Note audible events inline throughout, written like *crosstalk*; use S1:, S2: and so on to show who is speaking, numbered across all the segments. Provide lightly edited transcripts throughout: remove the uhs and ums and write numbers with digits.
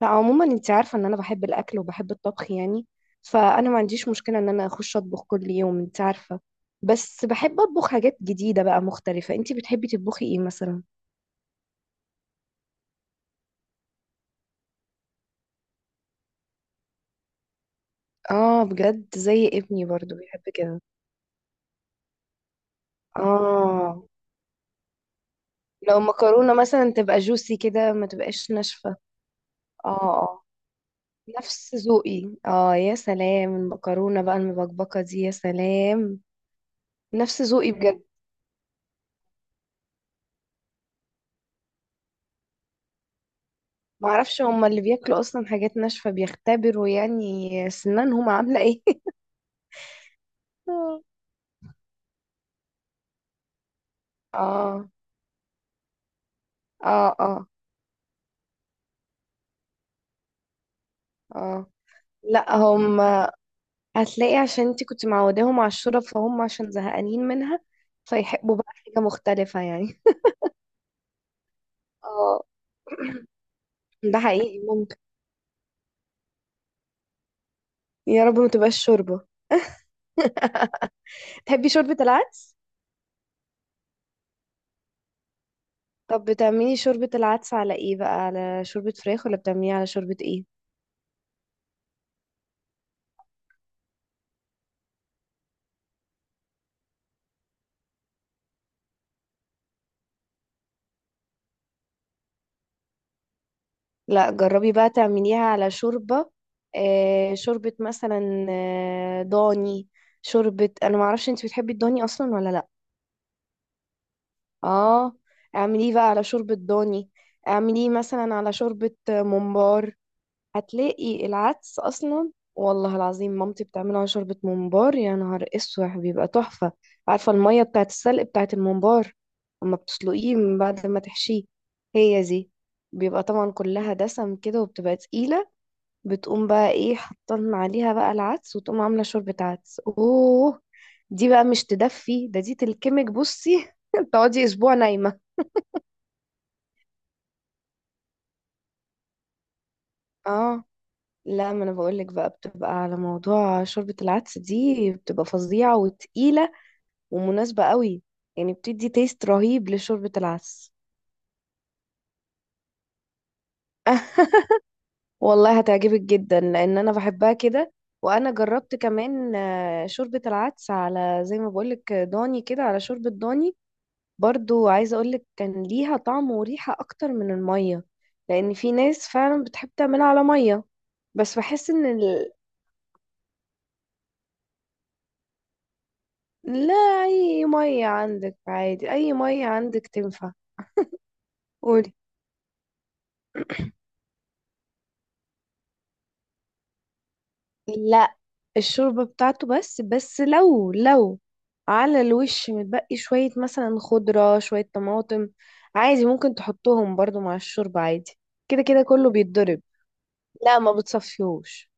S1: لا، عموما انت عارفة ان انا بحب الاكل وبحب الطبخ يعني. فانا ما عنديش مشكلة ان انا اخش اطبخ كل يوم، انت عارفة. بس بحب اطبخ حاجات جديدة بقى مختلفة. انت بتحبي تطبخي ايه مثلا؟ اه، بجد؟ زي ابني برضو بيحب كده. اه. لو مكرونة مثلا تبقى جوسي كده ما تبقاش ناشفة. اه، اه، نفس ذوقي. اه، يا سلام! المكرونة بقى المبكبكة دي يا سلام. نفس ذوقي بجد. معرفش، هما اللي بياكلوا اصلا حاجات ناشفة بيختبروا يعني سنانهم عاملة ايه؟ *laughs* آه. اه، اه، اه، اه. لا، هم، هتلاقي عشان انت كنت معوداهم على الشورى، فهم عشان زهقانين منها فيحبوا بقى حاجة مختلفة يعني. اه. *clears throat* ده حقيقي، ممكن. يا رب ما تبقاش شوربة. *laughs* تحبي شوربة العدس؟ طب بتعملي شوربة العدس على ايه بقى، على شوربة فراخ ولا بتعمليها على شوربة ايه؟ لا، جربي بقى تعمليها على شوربة، شوربة مثلا ضاني. شوربة. انا معرفش انت بتحبي الضاني اصلا ولا لا. اه، اعمليه بقى على شوربة ضاني. اعمليه مثلا على شوربة ممبار. هتلاقي العدس اصلا والله العظيم مامتي بتعمله على شوربة ممبار. يا نهار اسوح بيبقى تحفة. عارفة المية بتاعت السلق بتاعت الممبار؟ اما بتسلقيه من بعد ما تحشيه، هي دي. بيبقى طبعا كلها دسم كده وبتبقى تقيلة. بتقوم بقى ايه، حطن عليها بقى العدس وتقوم عاملة شوربة عدس. اوه! دي بقى مش تدفي، ده دي تلكمك، بصي! *laughs* تقعدي اسبوع نايمة. اه. لا ما انا بقولك بقى، بتبقى على موضوع شوربة العدس دي بتبقى فظيعة وتقيلة ومناسبة قوي. يعني بتدي تيست رهيب لشوربة العدس. *laughs* والله هتعجبك جدا لان انا بحبها كده. وانا جربت كمان شوربة العدس على، زي ما بقولك، ضاني كده، على شوربة ضاني. برضو عايزة اقولك كان ليها طعم وريحة اكتر من المية، لان في ناس فعلا بتحب تعملها على مية. بس بحس ان لا، اي مية عندك عادي، اي مية عندك تنفع. قولي. لا، الشوربة بتاعته بس، لو على الوش متبقي شوية مثلا خضرة شوية طماطم، عادي ممكن تحطهم برضو مع الشوربة عادي. كده كده كله بيتضرب. لا، ما بتصفيهوش.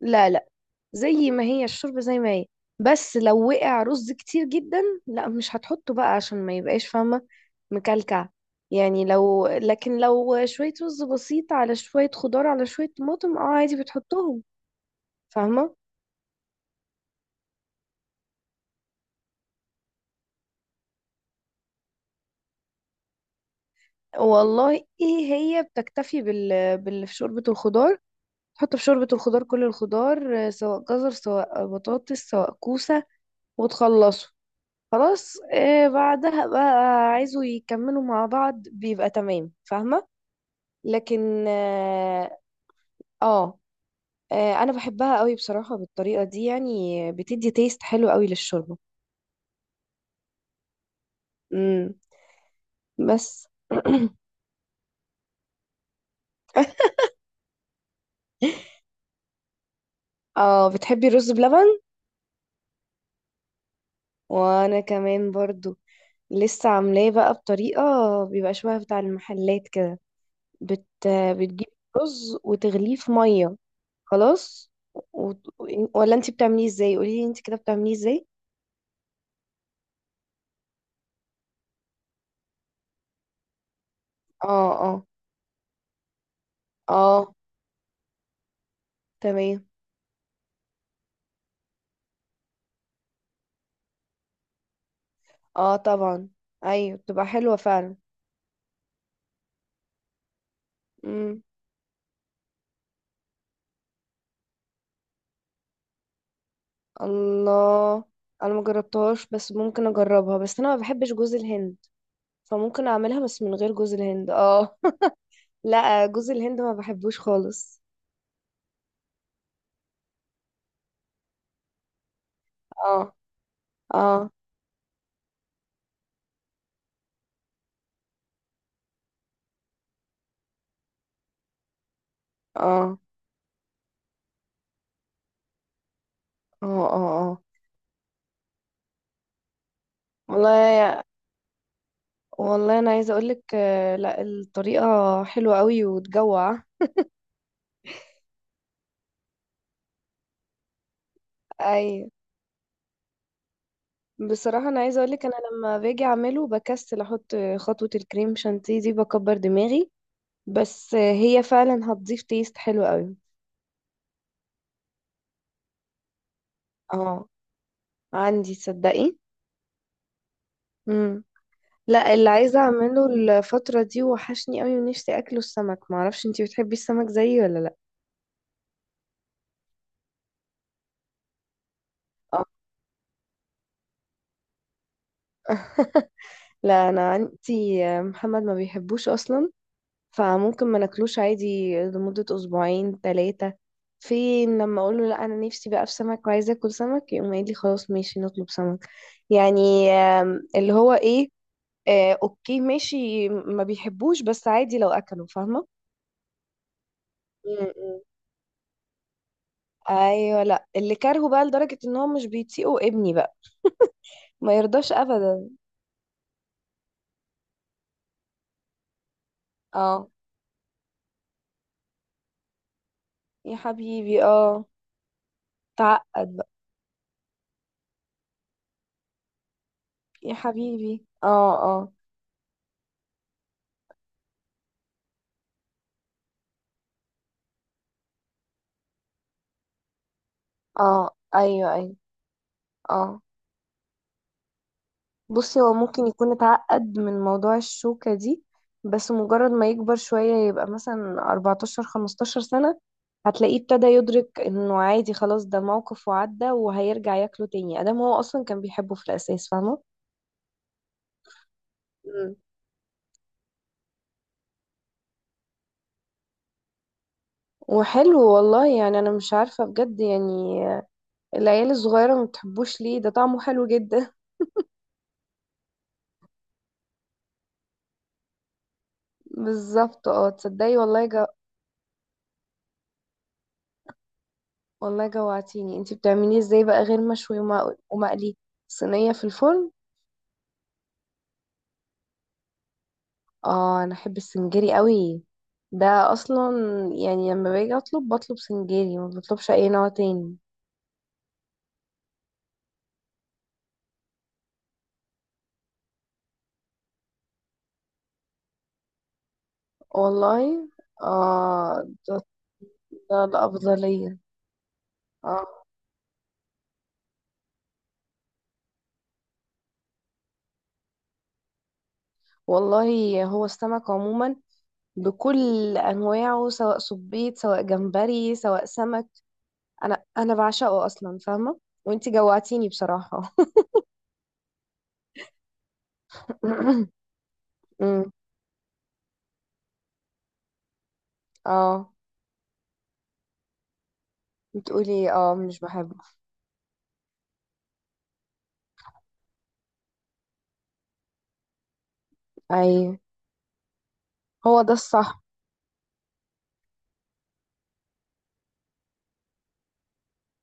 S1: لا، لا. زي ما هي الشوربة زي ما هي. بس لو وقع رز كتير جدا، لا مش هتحطه بقى عشان ما يبقاش، فاهمة؟ مكلكع. يعني لكن لو شوية رز بسيط على شوية خضار على شوية طماطم، اه، عادي بتحطهم، فاهمة؟ والله، ايه. هي بتكتفي بال... بال في شوربة الخضار، تحط في شوربة الخضار كل الخضار، سواء جزر، سواء بطاطس، سواء كوسة. وتخلصوا، خلاص. بعدها بقى عايزوا يكملوا مع بعض بيبقى تمام، فاهمة؟ لكن آه، انا بحبها قوي بصراحة بالطريقة دي، يعني بتدي تيست حلو قوي للشوربة. امم. بس *clears throat* اه، بتحبي الرز بلبن؟ وانا كمان برضو. لسه عاملاه بقى بطريقة بيبقى شبه بتاع المحلات كده. بت... بتجيب رز وتغليه في مية. خلاص. و... ولا انت بتعمليه ازاي؟ قوليلي انت كده بتعمليه ازاي. اه، اه، اه. تمام. اه، طبعا. ايوه، بتبقى حلوة فعلا. مم. الله! انا ما جربتهاش بس ممكن اجربها، بس انا ما بحبش جوز الهند. فممكن اعملها بس من غير جوز الهند، اه. *laughs* لا، جوز الهند ما بحبوش خالص. اه اه، اه، اه، اه. اه، والله يا- والله انا عايزه اقولك، لا، الطريقه حلوه قوي وتجوع. اي، بصراحه انا عايزه اقولك انا لما باجي اعمله بكسل احط خطوه الكريم شانتيه دي، بكبر دماغي. بس هي فعلا هتضيف تيست حلو قوي. اه، عندي، تصدقي؟ امم. لا، اللي عايزة اعمله الفترة دي، وحشني قوي ونفسي اكله، السمك. معرفش انتي بتحبي السمك زيي ولا لا؟ اه. *laughs* لا، انا عندي محمد ما بيحبوش اصلا، فممكن ما ناكلوش عادي لمدة اسبوعين ثلاثة. في لما اقول له لا انا نفسي بقى في سمك وعايزة اكل سمك، يقوم قايل لي خلاص ماشي نطلب سمك. يعني اللي هو ايه، اوكي ماشي ما بيحبوش، بس عادي لو اكلوا، فاهمة؟ مم. ايوه، لا اللي كارهه بقى لدرجة ان هو مش بيطيقه ابني بقى، ما يرضاش ابدا. اه، يا حبيبي، اه. تعقد بقى. يا حبيبي، اه، اه، اه. ايوه، ايوه، اه. بصي، هو ممكن يكون اتعقد من موضوع الشوكة دي، بس مجرد ما يكبر شوية يبقى مثلا 14 15 سنة هتلاقيه ابتدى يدرك انه عادي، خلاص، ده موقف وعدى، وهيرجع ياكله تاني ادام هو اصلا كان بيحبه في الاساس، فاهمة؟ وحلو والله، يعني انا مش عارفة بجد يعني العيال الصغيرة ما بتحبوش ليه، ده طعمه حلو جدا. *laughs* بالظبط. اه، تصدقي والله والله جوعتيني! انتي بتعمليه ازاي بقى غير مشوي ومقلي؟ صينية في الفرن؟ اه، انا احب السنجري قوي، ده اصلا يعني لما باجي اطلب، بطلب سنجري، ما بطلبش اي نوع تاني. والله. اه، ده الأفضلية. اه والله، هو السمك عموما بكل انواعه، سواء صبيط، سواء جمبري، سواء سمك، انا بعشقه اصلا، فاهمه؟ وانتي جوعتيني بصراحه. *laughs* *coughs* أمم. اه، بتقولي اه مش بحبه؟ اي، هو ده الصح.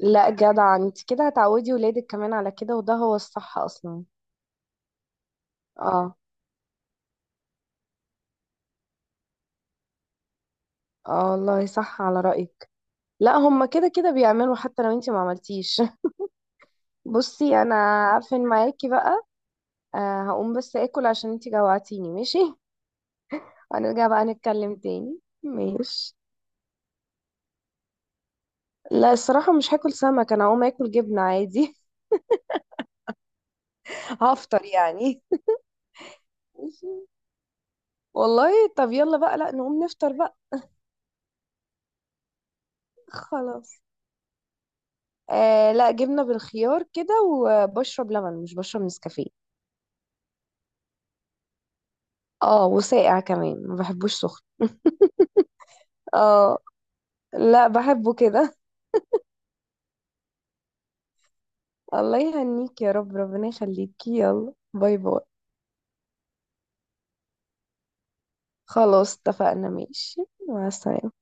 S1: لا جدع، انت كده هتعودي ولادك كمان على كده، وده هو الصح اصلا. اه، اه، والله صح على رأيك. لا، هما كده كده بيعملوا حتى لو انت ما عملتيش. *laughs* بصي انا عارفه ان معاكي بقى. هقوم بس اكل عشان انت جوعتيني، ماشي. هنرجع بقى نتكلم تاني، ماشي. لا الصراحة مش هاكل سمك، انا هقوم اكل جبنة عادي. *laughs* هفطر يعني. ماشي. والله، طب يلا بقى لا نقوم نفطر بقى. خلاص. لا، جبنة بالخيار كده، وبشرب لبن مش بشرب نسكافيه. اه، وساقع كمان، ما بحبوش سخن. اه، لا بحبه كده. *laughs* الله يهنيك يا رب، ربنا يخليكي، يلا باي باي. خلاص اتفقنا، ماشي. مع السلامة.